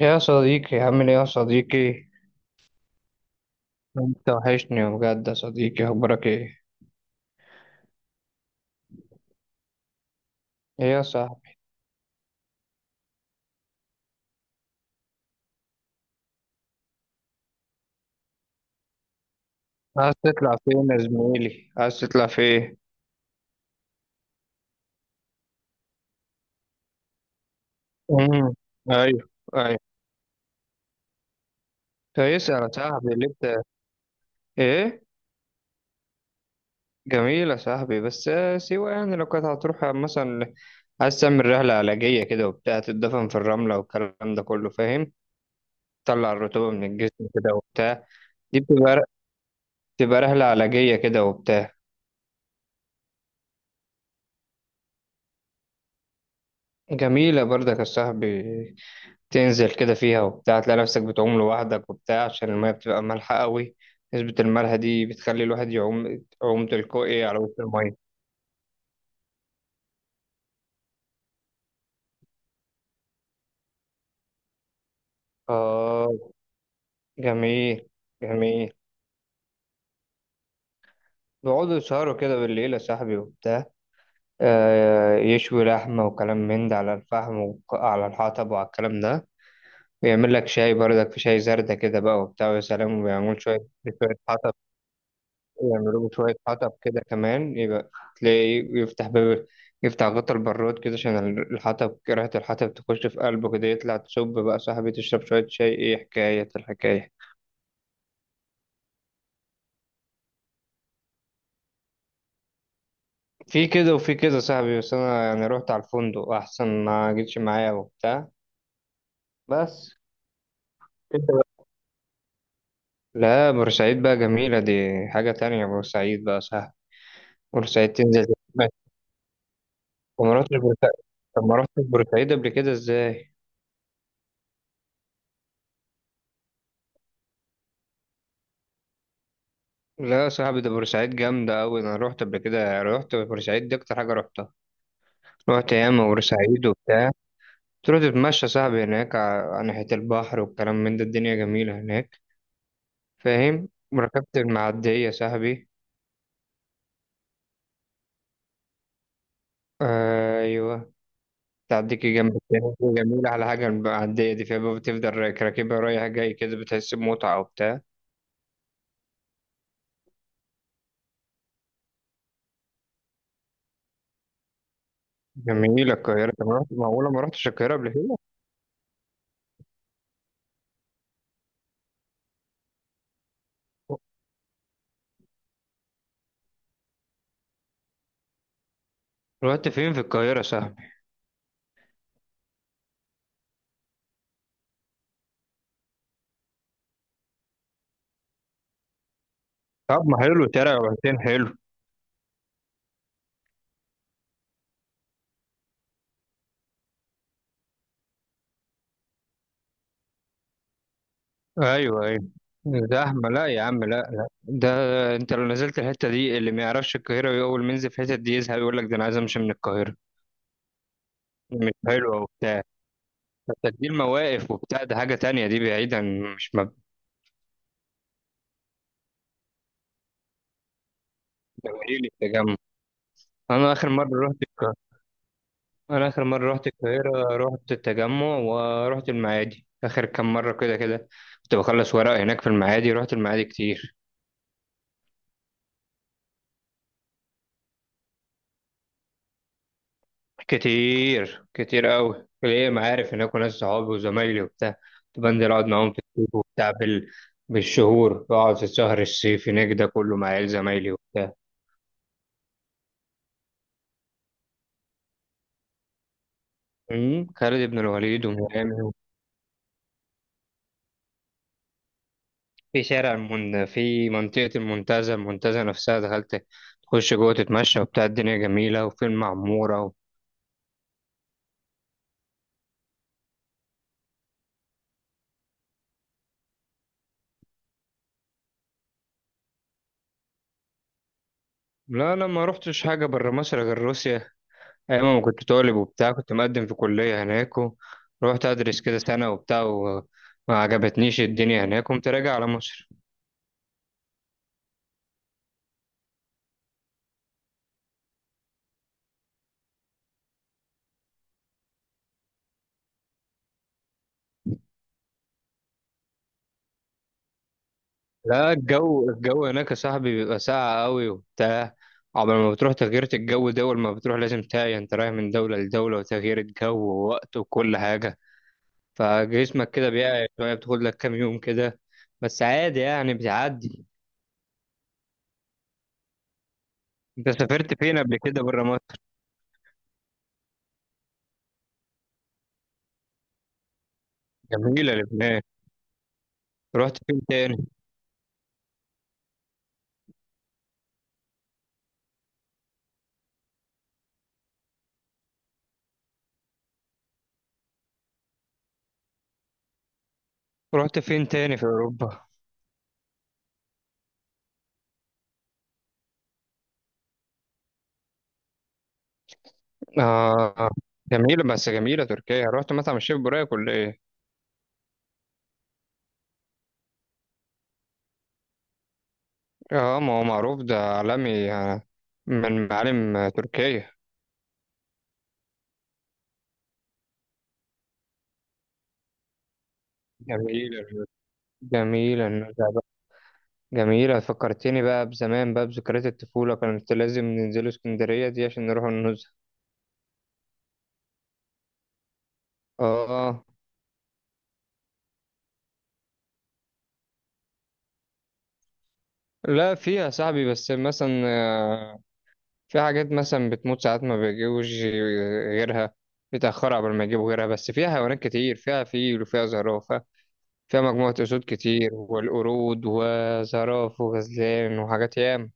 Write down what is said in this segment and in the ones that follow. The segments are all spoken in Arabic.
يا صديقي، عامل ايه يا صديقي؟ انت وحشني بجد يا صديقي، اخبارك ايه؟ ايه يا صاحبي؟ عايز تطلع فين يا زميلي، عايز تطلع فين؟ امم ايوه، ايوه. فيسأل يا صاحبي اللي انت، ايه؟ جميل يا صاحبي، بس سيوة يعني لو كانت هتروح مثلا، عايز تعمل رحلة علاجية كده وبتاع، تتدفن في الرملة والكلام ده كله، فاهم؟ تطلع الرطوبة من الجسم كده وبتاع. دي بتبقى رحلة علاجية كده وبتاع. جميلة برضك يا صاحبي. تنزل كده فيها وبتاع، تلاقي نفسك بتعوم لوحدك وبتاع، عشان المية بتبقى مالحة قوي. نسبة الملح دي بتخلي الواحد يعوم يعوم تلقائي على وش المية. آه، جميل. جميل. بيقعدوا يسهروا كده بالليل يا صاحبي وبتاع. آه، يشوي لحمة وكلام من ده على الفحم وعلى الحطب وعلى الكلام ده، ويعمل لك شاي بردك، في شاي زردة كده بقى وبتاع، ويا سلام، ويعمل شوية شوية حطب. يعملوا له شوية حطب كده كمان، يبقى تلاقي إيه، يفتح باب، يفتح غطا البراد كده عشان الحطب، ريحة الحطب تخش في قلبه كده، يطلع تصب بقى صاحبي، تشرب شوية شاي، ايه حكاية الحكاية. في كده وفي كده صاحبي، بس أنا يعني رحت على الفندق أحسن، ما جيتش معايا وبتاع، بس. انت بقى. لا، بورسعيد بقى جميلة دي، حاجة تانية بورسعيد بقى، صح؟ بورسعيد تنزل. طب ما رحتش بورسعيد طب ما رحتش بورسعيد قبل كده ازاي؟ لا يا صاحبي، ده بورسعيد جامدة أوي، أنا روحت قبل كده، روحت بورسعيد دي أكتر حاجة روحتها. روحت ياما بورسعيد وبتاع، تروح تتمشى يا صاحبي هناك على ناحية البحر والكلام من ده، الدنيا جميلة هناك، فاهم؟ وركبت المعدية يا صاحبي. أيوه. تعديكي جنب التاني، جميلة على حاجة المعدية دي، فيها بقى بتفضل راكبها رايح جاي كده، بتحس بمتعة وبتاع. جميلة القاهرة، طب معقولة ما رحتش القاهرة قبل كده؟ رحت فين في القاهرة يا صاحبي؟ طب ما حلو شارع وحسين، حلو. ايوه، ايوه. زحمه؟ لا يا عم، لا، لا، ده انت لو نزلت الحته دي اللي ما يعرفش القاهره، ويقول منزل في الحته دي يزهق، يقول لك ده انا عايز امشي من القاهره. مش حلوه وبتاع. بس دي المواقف وبتاع، ده حاجه تانية دي، بعيدا. مش مب- ده بديل التجمع. انا اخر مره رحت القاهره انا اخر مره رحت القاهره رحت التجمع، ورحت المعادي اخر كام مره كده كده. كنت بخلص ورق هناك في المعادي، رحت المعادي كتير. كتير كتير قوي، ليا معارف هناك وناس صحابي وزمايلي وبتاع. كنت بنزل اقعد معاهم في الصيف وبتاع بالشهور، بقعد في الشهر الصيفي هناك ده كله، مع عيال زمايلي وبتاع. خالد بن الوليد وميامي. في منطقة المنتزه نفسها دخلت. تخش جوه تتمشى وبتاع، الدنيا جميلة، وفي المعمورة و... لا انا ما رحتش حاجة بره مصر غير روسيا. أيام ما كنت طالب وبتاع، كنت مقدم في كلية هناك ورحت أدرس كده سنة وبتاع، وما عجبتنيش الدنيا هناك، قمت راجع على مصر. لا، الجو هناك يا صاحبي بيبقى ساقع قوي وبتاع. قبل ما بتروح، تغيير الجو دول ما بتروح، لازم تاقي انت رايح من دولة لدولة، وتغيير الجو ووقت وكل حاجة. فجسمك كده بيقع شوية، بتاخد لك كام يوم كده. بس عادي يعني، بتعدي. انت سافرت فين قبل كده بره مصر؟ جميلة لبنان. رحت فين تاني؟ رحت فين تاني في أوروبا؟ آه، جميلة بس، جميلة تركيا. رحت مطعم الشيف بوراك ولا إيه؟ آه، ما هو معروف ده عالمي، من معالم تركيا. جميلة. جميلة النزهة بقى. جميلة فكرتني بقى بزمان، بقى بذكريات الطفولة، كانت لازم ننزلوا اسكندرية دي عشان نروح النزهة. آه. لا، فيها يا صاحبي، بس مثلا في حاجات مثلا بتموت ساعات، ما بيجيبوش غيرها، بيتأخروا قبل ما يجيبوا غيرها، بس فيها حيوانات كتير، فيها فيل وفيها زرافة. فيها مجموعة أسود كتير، والقرود وزراف وغزلان وحاجات ياما.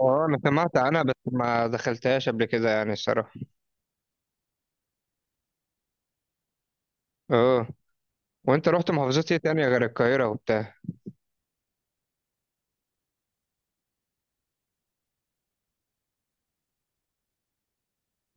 اه، أنا سمعت عنها بس ما دخلتهاش قبل كده يعني، الصراحة. اه. وأنت رحت محافظات إيه تانية غير القاهرة وبتاع؟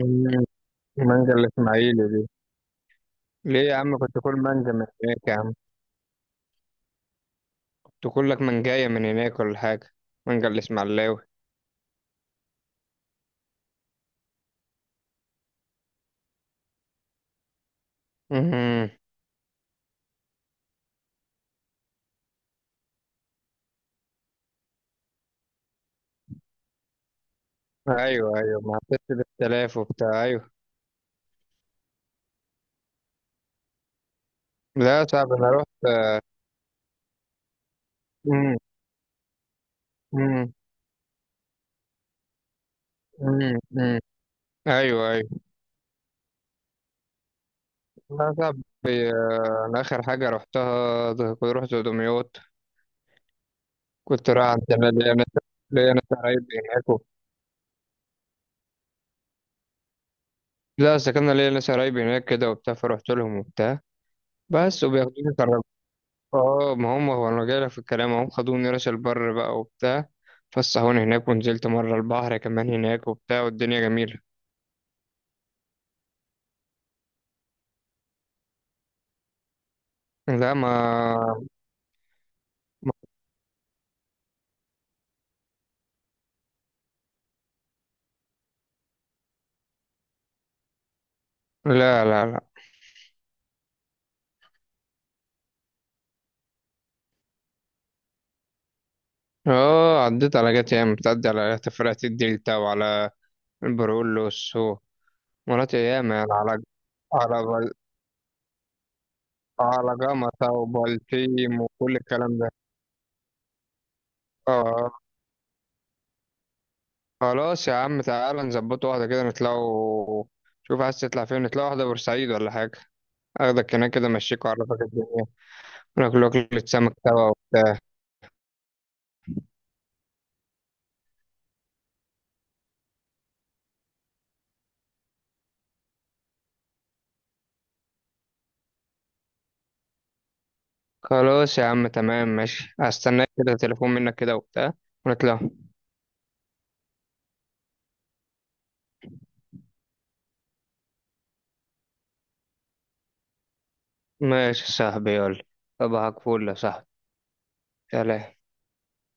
مم، مانجا الإسماعيلي دي. ليه يا عم، كنت كل مانجا من هناك يا عم. كنت كل لك منجاية من هناك ولا حاجة؟ مانجا الإسماعيلاوي. مم. أيوه، أيوه، ما حسيتش باختلاف وبتاع، أيوه. لا صعب. أنا رحت. مم. مم. مم. مم. أيوه، أيوه. لا صعب. أنا آخر حاجة رحتها كنت رحت دمياط. كنت رايح عند شباب، ليا ناس قرايب هناك و... لا، سكننا ليا ناس قرايب هناك كده وبتاع، فرحت لهم وبتاع. بس وبياخدوني كرم. اه، ما هم، هو أنا جايلك في الكلام، هم خدوني راس البر بقى وبتاع. فسحوني هناك، ونزلت مرة البحر كمان هناك وبتاع، والدنيا جميلة. لا ما لا، لا، لا. اه، عديت على، جات ياما بتعدي على تفرقة الدلتا وعلى البرولوس. ومرات ياما يعني على على جمطة وبلطيم وكل الكلام ده. اه. خلاص يا عم، تعالى نظبط واحدة كده نطلعوا. شوف عايز تطلع فين، نطلع واحدة بورسعيد ولا حاجة. اخدك هناك كده، امشيك واعرفك الدنيا. ناكل أكلة سمك سوا وبتاع. خلاص يا عم، تمام، ماشي، هستناك كده تليفون منك كده وبتاع، ونطلع. ماشي يا صاحبي، يلا. صباحك فل يا صاحبي. سلام.